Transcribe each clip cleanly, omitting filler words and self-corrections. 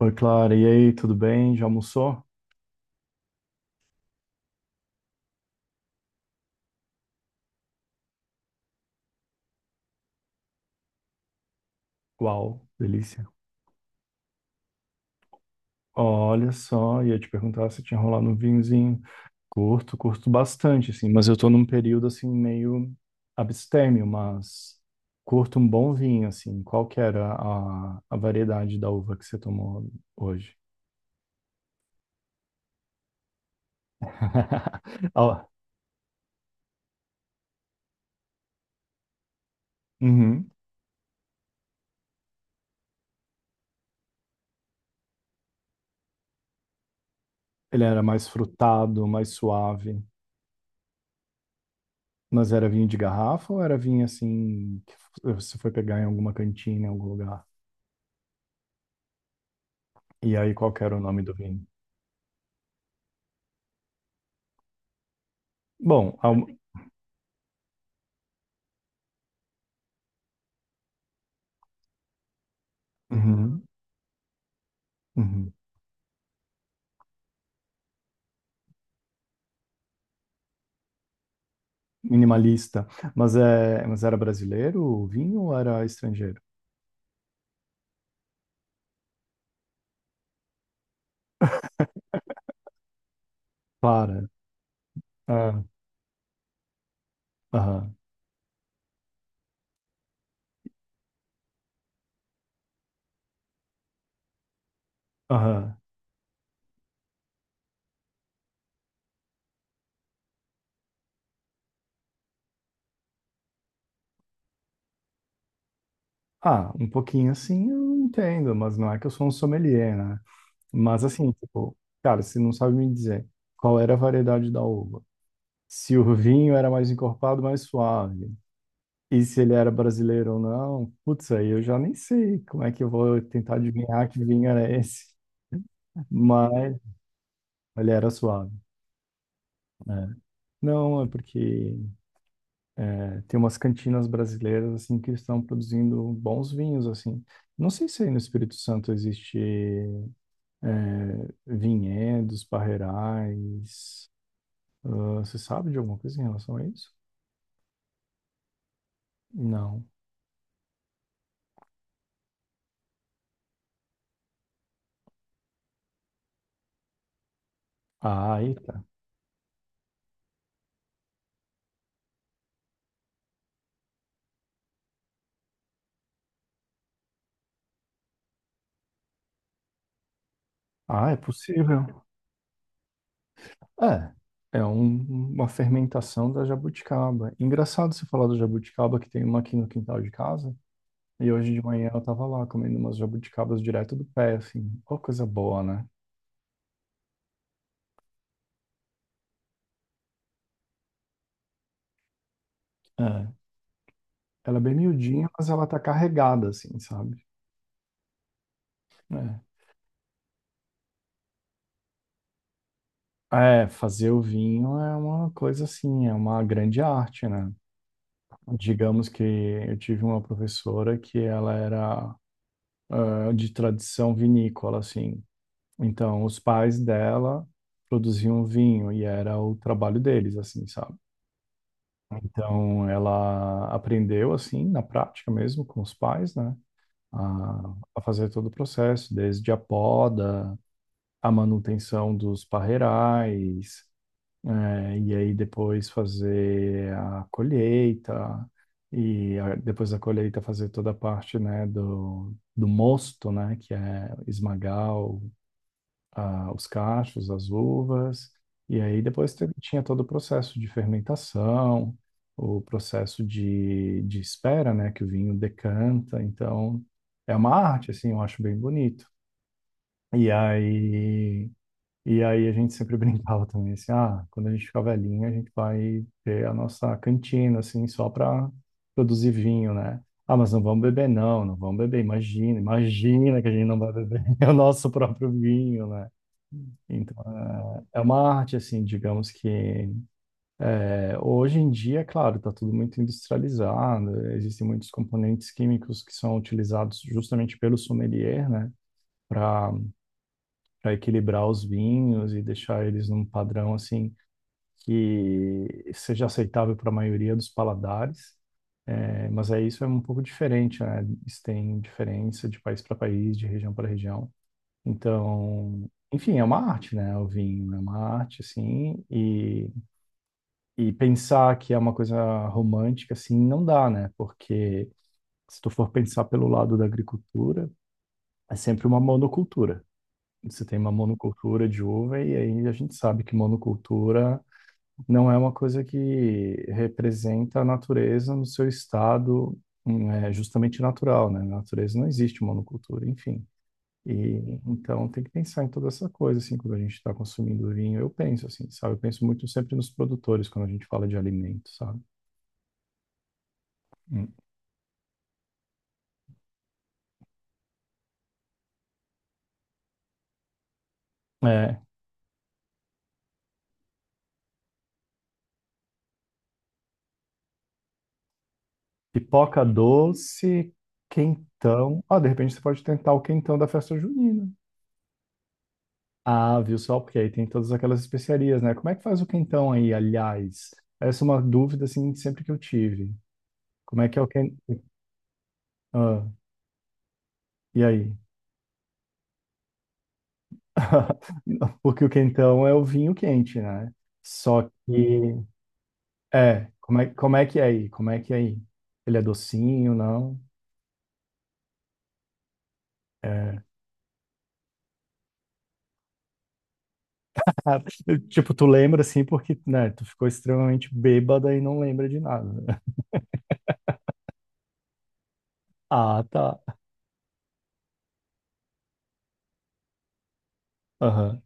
Oi, Clara. E aí, tudo bem? Já almoçou? Uau, delícia. Olha só, ia te perguntar se tinha rolado um vinhozinho. Curto bastante, assim, mas eu tô num período, assim, meio abstêmio, mas curto um bom vinho, assim. Qual que era a variedade da uva que você tomou hoje? Ó, uhum. Ele era mais frutado, mais suave, mas era vinho de garrafa ou era vinho, assim, que você foi pegar em alguma cantina, em algum lugar? E aí, qual que era o nome do vinho? Bom, ao- uhum, uhum. Minimalista. Mas, é, mas era brasileiro o vinho ou era estrangeiro? Para. Ah, aham, aham. Ah, um pouquinho assim eu entendo, mas não é que eu sou um sommelier, né? Mas assim, tipo, cara, você não sabe me dizer qual era a variedade da uva. Se o vinho era mais encorpado, mais suave. E se ele era brasileiro ou não, putz, aí eu já nem sei como é que eu vou tentar adivinhar que vinho era esse. Mas Ele era suave. Não, é porque é, tem umas cantinas brasileiras assim que estão produzindo bons vinhos assim. Não sei se aí no Espírito Santo existe vinhedos, parreirais. Ah, você sabe de alguma coisa em relação a isso? Não. Ah, eita. Ah, é possível. É. É um- uma fermentação da jabuticaba. Engraçado você falar da jabuticaba, que tem uma aqui no quintal de casa. E hoje de manhã eu tava lá comendo umas jabuticabas direto do pé, assim. Ó, coisa boa, né? É. Ela é bem miudinha, mas ela tá carregada, assim, sabe? É. É, fazer o vinho é uma coisa assim, é uma grande arte, né? Digamos que eu tive uma professora que ela era ah, de tradição vinícola, assim. Então, os pais dela produziam vinho e era o trabalho deles, assim, sabe? Então, ela aprendeu, assim, na prática mesmo, com os pais, né? A fazer todo o processo, desde a poda, a manutenção dos parreirais, e aí depois fazer a colheita, depois da colheita fazer toda a parte, né, do mosto, né, que é esmagar os cachos, as uvas, e aí depois tinha todo o processo de fermentação, o processo de espera, né, que o vinho decanta, então é uma arte, assim, eu acho bem bonito. E aí, e aí a gente sempre brincava também, assim, ah, quando a gente ficar velhinho, a gente vai ter a nossa cantina, assim, só para produzir vinho, né? Ah, mas não vamos beber, não, não vamos beber, imagina, imagina que a gente não vai beber o nosso próprio vinho, né? Então, é uma arte, assim, digamos que é, hoje em dia, claro, está tudo muito industrializado, existem muitos componentes químicos que são utilizados justamente pelo sommelier, né? Para para equilibrar os vinhos e deixar eles num padrão, assim, que seja aceitável para a maioria dos paladares, é, mas é isso é um pouco diferente, né? Isso tem diferença de país para país, de região para região. Então, enfim, é uma arte, né? O vinho é uma arte, assim, e pensar que é uma coisa romântica, assim, não dá, né? Porque se tu for pensar pelo lado da agricultura, é sempre uma monocultura. Você tem uma monocultura de uva, e aí a gente sabe que monocultura não é uma coisa que representa a natureza no seu estado, é, justamente natural, né? Na natureza não existe monocultura, enfim. E então tem que pensar em toda essa coisa, assim, quando a gente está consumindo vinho, eu penso assim, sabe? Eu penso muito sempre nos produtores quando a gente fala de alimento, sabe? Hum. É, pipoca doce, quentão. Ah, de repente você pode tentar o quentão da festa junina. Ah, viu só? Porque aí tem todas aquelas especiarias, né? Como é que faz o quentão aí, aliás? Essa é uma dúvida, assim, sempre que eu tive. Como é que é o quentão? Ah, e aí? Porque o quentão é o vinho quente, né? Só que... É, como é que é aí? Como é que é aí? Ele é docinho, não? É. Ah, tipo, tu lembra, assim, porque, né? Tu ficou extremamente bêbada e não lembra de nada. Ah, tá. Aham.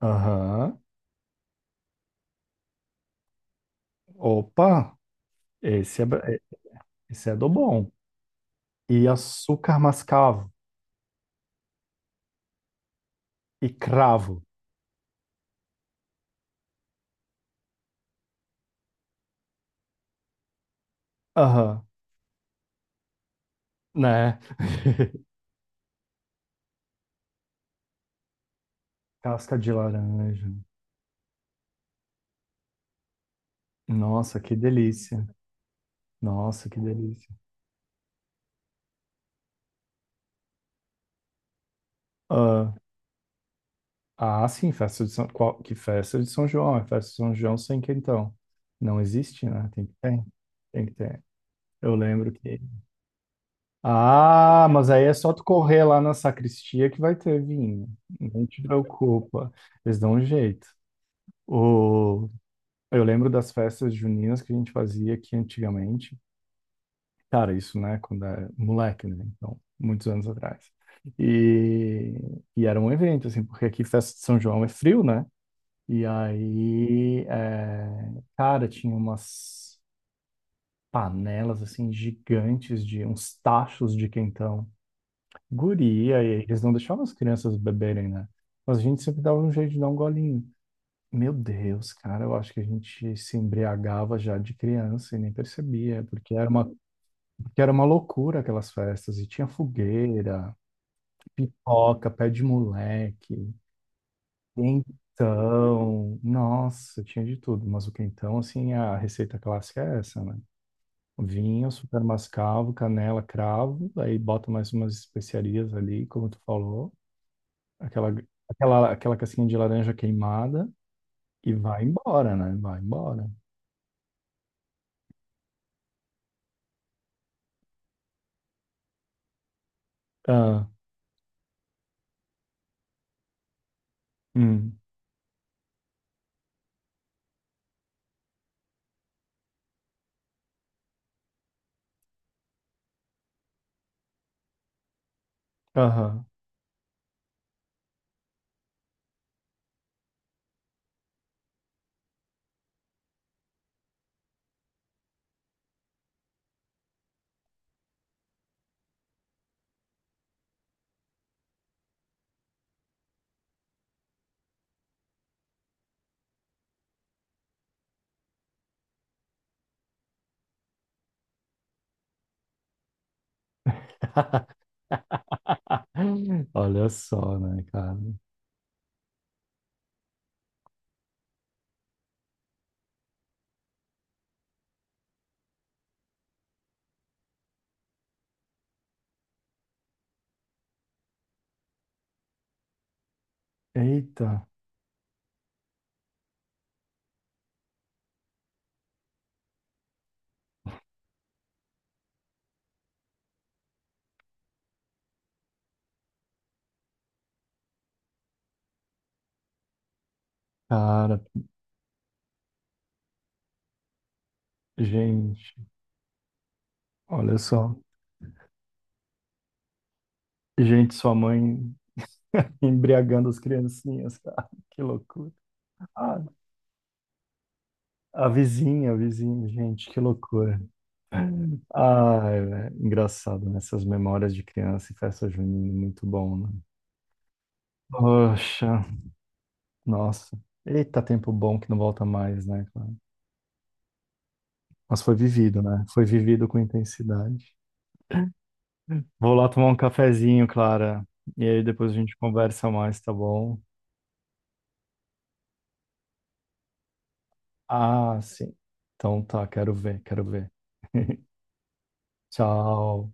Aham. Opa! Esse é, esse é do bom. E açúcar mascavo. E cravo. Aham, né? Casca de laranja. Nossa, que delícia. Nossa, que delícia. Ah, ah, sim, festa de São... Qual... Que festa de São João? É festa de São João sem quentão. Não existe, né? Tem que ter. Tem que ter. Eu lembro que... Ah, mas aí é só tu correr lá na sacristia que vai ter vinho. Não te preocupa. Eles dão um jeito. O Eu lembro das festas juninas que a gente fazia aqui antigamente. Cara, isso, né, quando é moleque, né? Então, muitos anos atrás. E, e era um evento, assim, porque aqui festa de São João é frio, né? E aí, é, cara, tinha umas panelas, assim, gigantes de uns tachos de quentão. Guria, e eles não deixavam as crianças beberem, né? Mas a gente sempre dava um jeito de dar um golinho. Meu Deus, cara, eu acho que a gente se embriagava já de criança e nem percebia, porque era uma loucura aquelas festas, e tinha fogueira, pipoca, pé de moleque, quentão, nossa, tinha de tudo, mas o quentão, assim, a receita clássica é essa, né? Vinho, super mascavo, canela, cravo, aí bota mais umas especiarias ali, como tu falou, aquela, aquela casquinha de laranja queimada, e vai embora, né? Vai embora. Hum, aham. Olha só, né, cara? Eita, cara, gente, olha só. Gente, sua mãe embriagando as criancinhas, cara, que loucura. Ah, a vizinha, gente, que loucura. Ai, velho, engraçado, né? Essas memórias de criança e festa junina, muito bom, né? Poxa, nossa. Eita, tempo bom que não volta mais, né, cara? Mas foi vivido, né? Foi vivido com intensidade. Vou lá tomar um cafezinho, Clara. E aí depois a gente conversa mais, tá bom? Ah, sim. Então tá, quero ver, quero ver. Tchau.